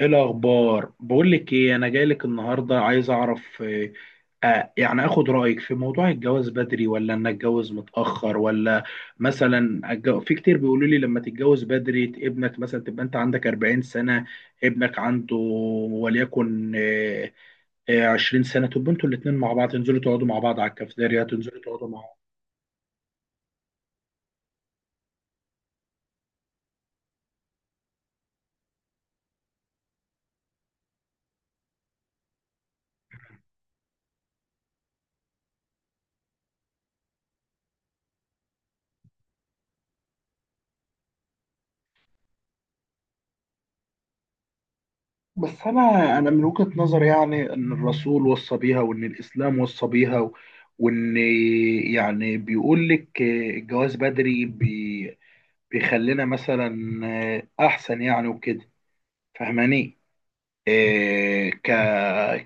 ايه الاخبار؟ بقول لك ايه، انا جاي لك النهارده عايز اعرف. يعني اخد رايك في موضوع الجواز بدري ولا ان اتجوز متاخر، ولا مثلا في كتير بيقولوا لي لما تتجوز بدري ابنك مثلا تبقى انت عندك 40 سنه، ابنك عنده وليكن 20 سنه، تبقوا انتوا الاثنين مع بعض، تنزلوا تقعدوا مع بعض على الكافيتيريا، تنزلوا تقعدوا مع بس انا انا من وجهة نظري، يعني ان الرسول وصى بيها وان الاسلام وصى بيها وان يعني بيقول لك الجواز بدري بيخلينا مثلا احسن يعني، وكده. فاهماني؟ إيه ك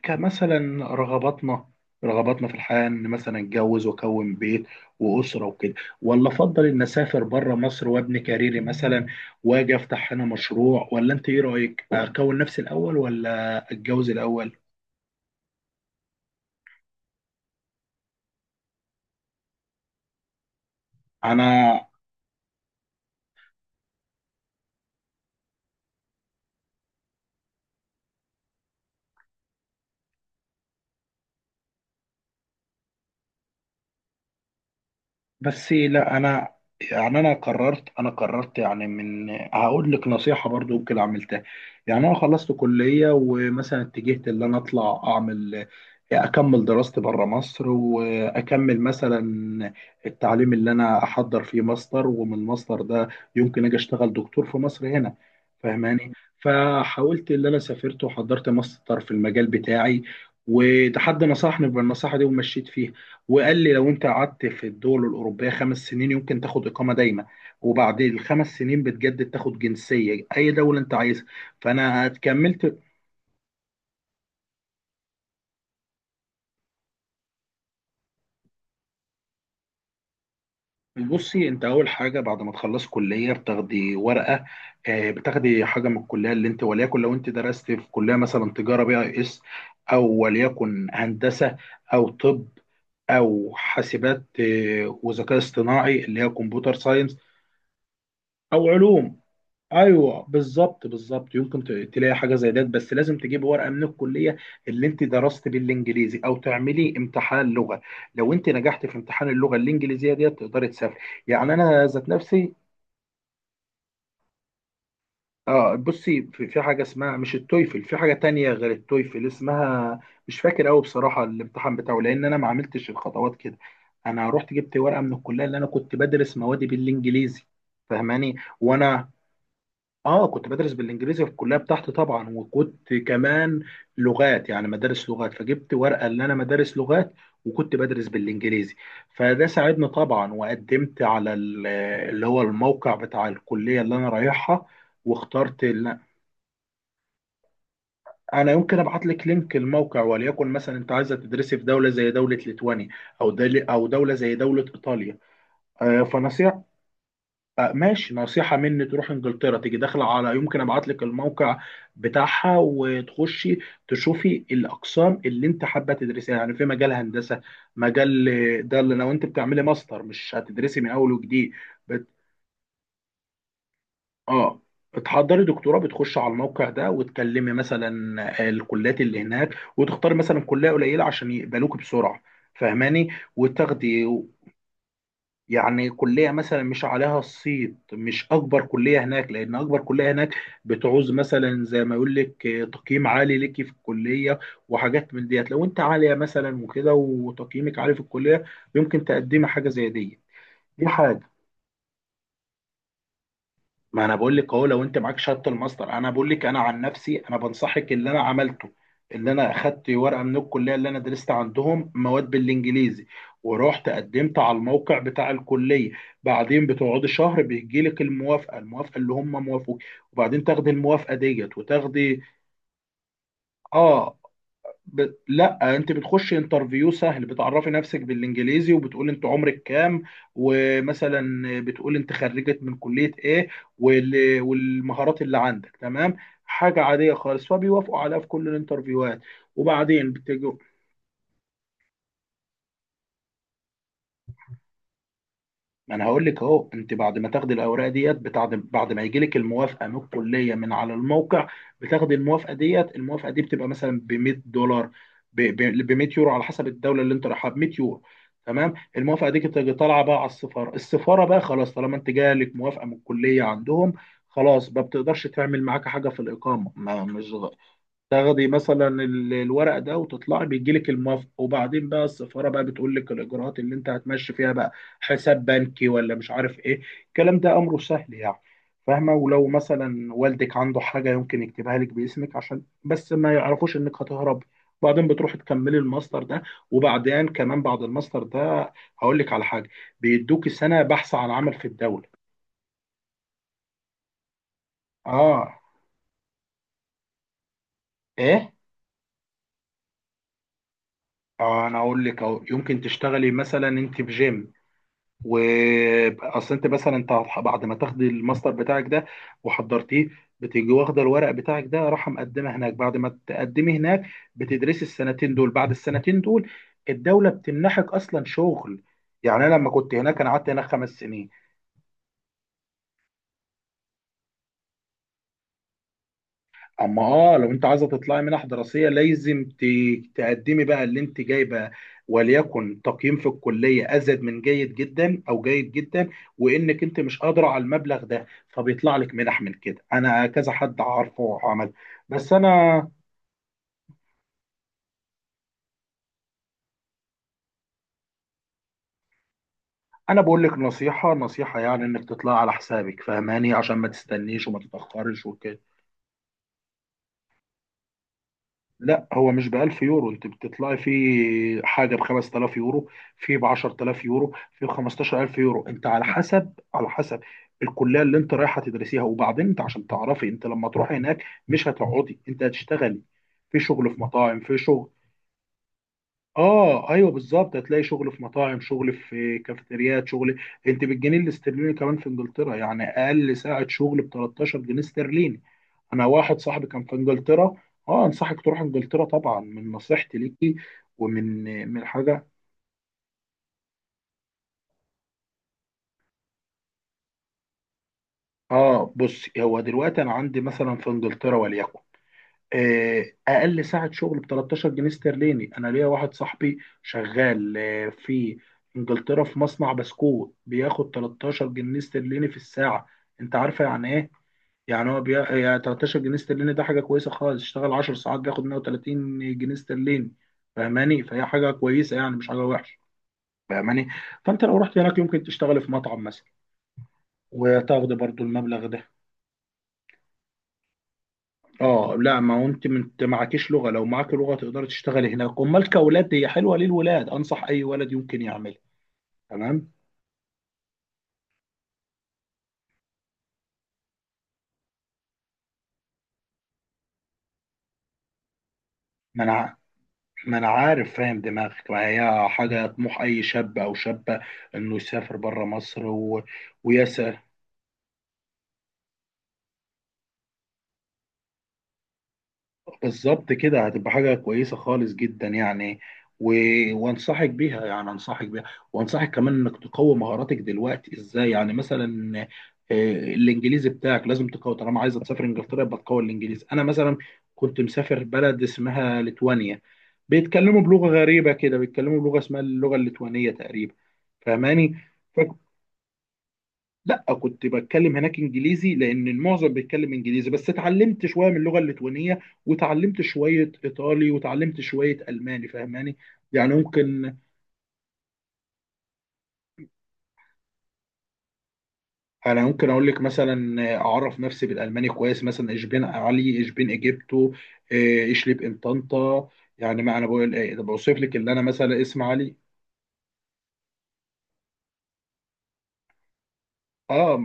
كمثلا رغباتنا في الحياة، ان مثلا اتجوز واكون بيت واسرة وكده، ولا افضل ان اسافر بره مصر وابني كاريري مثلا واجي افتح هنا مشروع. ولا انت ايه رأيك، اكون نفسي الاول ولا اتجوز الاول؟ انا بس لا انا يعني انا قررت يعني. من هقول لك نصيحه برضو ممكن عملتها، يعني انا خلصت كليه ومثلا اتجهت ان انا اطلع اعمل، اكمل دراستي بره مصر، واكمل مثلا التعليم اللي انا احضر فيه ماستر، ومن الماستر ده يمكن اجي اشتغل دكتور في مصر هنا. فاهماني؟ فحاولت اللي انا سافرت وحضرت ماستر في المجال بتاعي، وده حد نصحني بالنصيحه دي ومشيت فيها. وقال لي لو انت قعدت في الدول الاوروبيه خمس سنين يمكن تاخد اقامه دايمه، وبعد الخمس سنين بتجدد تاخد جنسيه اي دوله انت عايزها. فانا كملت. بصي، انت اول حاجه بعد ما تخلص كليه بتاخدي ورقه، بتاخدي حاجه من الكليه اللي انت، وليكن لو انت درست في كليه مثلا تجاره بي اي اس، او وليكن هندسه، او طب، او حاسبات وذكاء اصطناعي اللي هي كمبيوتر ساينس، او علوم. ايوه بالظبط بالظبط، يمكن تلاقي حاجه زي ده، بس لازم تجيب ورقه من الكليه اللي انت درست بالانجليزي، او تعملي امتحان لغه. لو انت نجحت في امتحان اللغه الانجليزيه ديت تقدري تسافري. يعني انا ذات نفسي، اه بصي في حاجه اسمها، مش التويفل، في حاجه تانية غير التويفل اسمها، مش فاكر قوي بصراحه الامتحان بتاعه لان انا ما عملتش الخطوات كده. انا رحت جبت ورقه من الكليه اللي انا كنت بدرس موادي بالانجليزي، فاهماني؟ وانا اه كنت بدرس بالانجليزي في الكليه بتاعتي طبعا، وكنت كمان لغات، يعني مدارس لغات، فجبت ورقه ان انا مدارس لغات وكنت بدرس بالانجليزي. فده ساعدني طبعا، وقدمت على اللي هو الموقع بتاع الكليه اللي انا رايحها، واخترت انا يمكن ابعت لك لينك الموقع. وليكن مثلا انت عايزه تدرسي في دوله زي دوله ليتوانيا، او دوله زي دوله ايطاليا. فنصيحه، ماشي، نصيحة مني تروح انجلترا، تيجي داخلة على، يمكن ابعت لك الموقع بتاعها، وتخشي تشوفي الاقسام اللي انت حابة تدرسيها، يعني في مجال هندسة، مجال، ده اللي لو انت بتعملي ماستر مش هتدرسي من اول وجديد. بت... اه، بتحضري دكتوراه، بتخش على الموقع ده وتكلمي مثلا الكليات اللي هناك، وتختاري مثلا كلية قليلة عشان يقبلوك بسرعة. فاهماني؟ وتاخدي. يعني كلية مثلا مش عليها الصيت، مش أكبر كلية هناك، لأن أكبر كلية هناك بتعوز مثلا، زي ما يقول لك، تقييم عالي ليكي في الكلية وحاجات من ديت. لو أنت عالية مثلا وكده وتقييمك عالي في الكلية يمكن تقدمي حاجة زي دي. دي حاجة، ما انا بقول لك اهو، لو انت معاك شهاده الماستر، انا بقول لك انا عن نفسي انا بنصحك اللي انا عملته، اللي انا اخدت ورقه من الكليه اللي انا درست عندهم مواد بالانجليزي، ورحت قدمت على الموقع بتاع الكليه. بعدين بتقعدي شهر، بيجي لك الموافقه، الموافقه اللي هم موافقوك، وبعدين تاخدي الموافقه ديت وتاخدي. اه لا، انت بتخش انترفيو سهل، بتعرفي نفسك بالانجليزي وبتقول انت عمرك كام، ومثلا بتقول انت خرجت من كلية ايه، والمهارات اللي عندك. تمام؟ حاجة عادية خالص، فبيوافقوا عليها في كل الانترفيوهات. وبعدين بتج... ما انا هقول لك اهو، انت بعد ما تاخدي الاوراق ديت بتاعد، بعد ما يجي لك الموافقه من الكليه من على الموقع، بتاخدي الموافقه ديت، الموافقه دي بتبقى مثلا ب 100 دولار، ب 100 يورو، على حسب الدوله اللي انت رايحها، ب 100 يورو. تمام؟ الموافقه دي بتيجي طالعه بقى على السفاره. السفاره بقى خلاص، طالما انت جالك موافقه من الكليه عندهم خلاص، ما بتقدرش تعمل معاك حاجه في الاقامه، ما مش، تاخدي مثلا الورق ده وتطلعي، بيجي لك الموافقه، وبعدين بقى السفاره بقى بتقول لك الاجراءات اللي انت هتمشي فيها بقى. حساب بنكي، ولا مش عارف ايه الكلام ده، امره سهل يعني. فاهمه؟ ولو مثلا والدك عنده حاجه يمكن يكتبها لك باسمك عشان بس ما يعرفوش انك هتهرب. وبعدين بتروحي تكملي الماستر ده. وبعدين كمان بعد الماستر ده هقول لك على حاجه، بيدوكي سنه بحث عن عمل في الدوله. اه، ايه؟ انا اقول لك اهو، يمكن تشتغلي مثلا انت في جيم. واصل، انت مثلا انت بعد ما تاخد الماستر بتاعك ده وحضرتيه، بتيجي واخده الورق بتاعك ده، راح مقدمه هناك. بعد ما تقدمي هناك بتدرسي السنتين دول، بعد السنتين دول الدوله بتمنحك اصلا شغل. يعني انا لما كنت هناك، انا قعدت هناك خمس سنين. اما اه، لو انت عايزه تطلعي منح دراسيه لازم تقدمي بقى اللي انت جايبه، وليكن تقييم في الكليه ازيد من جيد جدا، او جيد جدا، وانك انت مش قادره على المبلغ ده، فبيطلع لك منح من كده. انا كذا حد عارفه وعمل. بس انا انا بقول لك نصيحه، نصيحه يعني، انك تطلعي على حسابك فاهماني؟ عشان ما تستنيش وما تتاخرش وكده. لا هو مش ب 1000 يورو، انت بتطلعي في حاجه ب 5000 يورو، في ب 10000 يورو، في ب 15000 يورو، انت على حسب، على حسب الكليه اللي انت رايحه تدرسيها. وبعدين انت عشان تعرفي، انت لما تروحي هناك مش هتقعدي، انت هتشتغلي في شغل، في مطاعم، في شغل. اه ايوه بالظبط، هتلاقي شغل في مطاعم، شغل في كافيتريات، شغل انت بالجنيه الاسترليني كمان في انجلترا. يعني اقل ساعه شغل ب 13 جنيه استرليني. انا واحد صاحبي كان في انجلترا، اه انصحك تروح انجلترا طبعا، من نصيحتي ليكي ومن من حاجه. اه بص، هو دلوقتي انا عندي مثلا في انجلترا وليكن اقل ساعه شغل ب 13 جنيه استرليني. انا ليا واحد صاحبي شغال في انجلترا في مصنع بسكوت، بياخد 13 جنيه استرليني في الساعه. انت عارفه يعني ايه؟ يعني هو يعني 13 جنيه استرليني ده حاجه كويسه خالص. اشتغل 10 ساعات بياخد 130 جنيه استرليني. فاهماني؟ فهي حاجه كويسه يعني، مش حاجه وحشه. فاهماني؟ فانت لو رحت هناك يمكن تشتغل في مطعم مثلا وتاخد برضو المبلغ ده. اه لا، ما هو انت انت معكيش لغه، لو معاك لغه تقدر تشتغل هناك. امال، كاولاد هي حلوه للولاد، انصح اي ولد يمكن يعملها. تمام. ما انا ع- ما انا عارف فاهم دماغك، ما هي حاجه طموح اي شاب او شابه انه يسافر بره مصر و... ويسعى. بالظبط كده، هتبقى حاجة كويسة خالص جدا يعني، و... وانصحك بيها يعني انصحك بيها. وانصحك كمان انك تقوي مهاراتك دلوقتي ازاي، يعني مثلا الانجليزي بتاعك لازم تقوي، طالما عايزه تسافر انجلترا يبقى تقوي الانجليزي. انا مثلا كنت مسافر بلد اسمها ليتوانيا، بيتكلموا بلغة غريبة كده، بيتكلموا بلغة اسمها اللغة الليتوانية تقريبا. فاهماني؟ لا كنت بتكلم هناك انجليزي، لان المعظم بيتكلم انجليزي، بس اتعلمت شويه من اللغه الليتوانيه، وتعلمت شويه ايطالي، وتعلمت شويه الماني. فاهماني؟ يعني ممكن، انا ممكن اقول لك مثلا اعرف نفسي بالالماني كويس، مثلا ايش بين علي، ايش بين اجيبتو، ايش ليب ان طنطا. يعني ما انا بقول ايه ده، بوصف لك اللي انا مثلا اسم علي. اه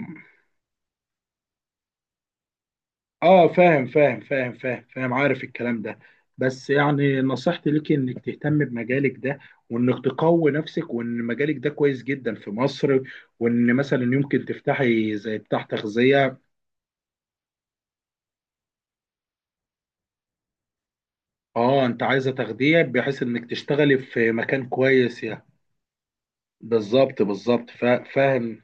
اه فاهم فاهم فاهم فاهم فاهم، عارف الكلام ده. بس يعني نصيحتي ليك انك تهتم بمجالك ده، وانك تقوي نفسك، وان مجالك ده كويس جدا في مصر، وان مثلا يمكن تفتحي زي بتاع تغذية. اه انت عايزة تغذية بحيث انك تشتغلي في مكان كويس يعني. بالظبط بالظبط، فاهم.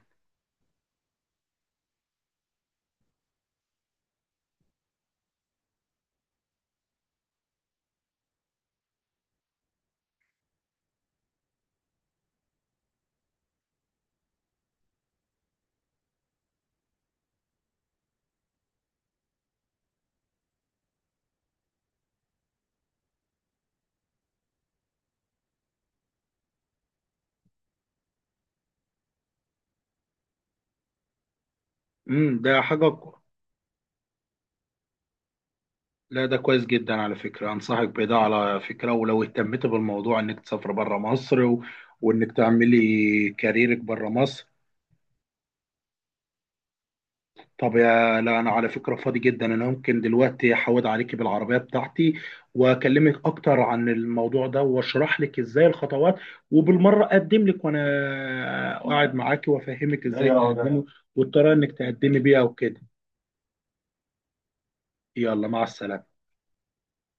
امم، لا ده كويس جدا على فكرة، انصحك بده على فكرة، ولو اهتمت بالموضوع انك تسافر بره مصر و... وانك تعملي كاريرك بره مصر. طب يا لا، انا على فكره فاضي جدا، انا ممكن دلوقتي احود عليكي بالعربيه بتاعتي واكلمك اكتر عن الموضوع ده واشرح لك ازاي الخطوات، وبالمره اقدم لك وانا قاعد معاكي، وافهمك ازاي، ايوه تقدمي، والطريقه انك تقدمي بيها وكده. يلا مع السلامه.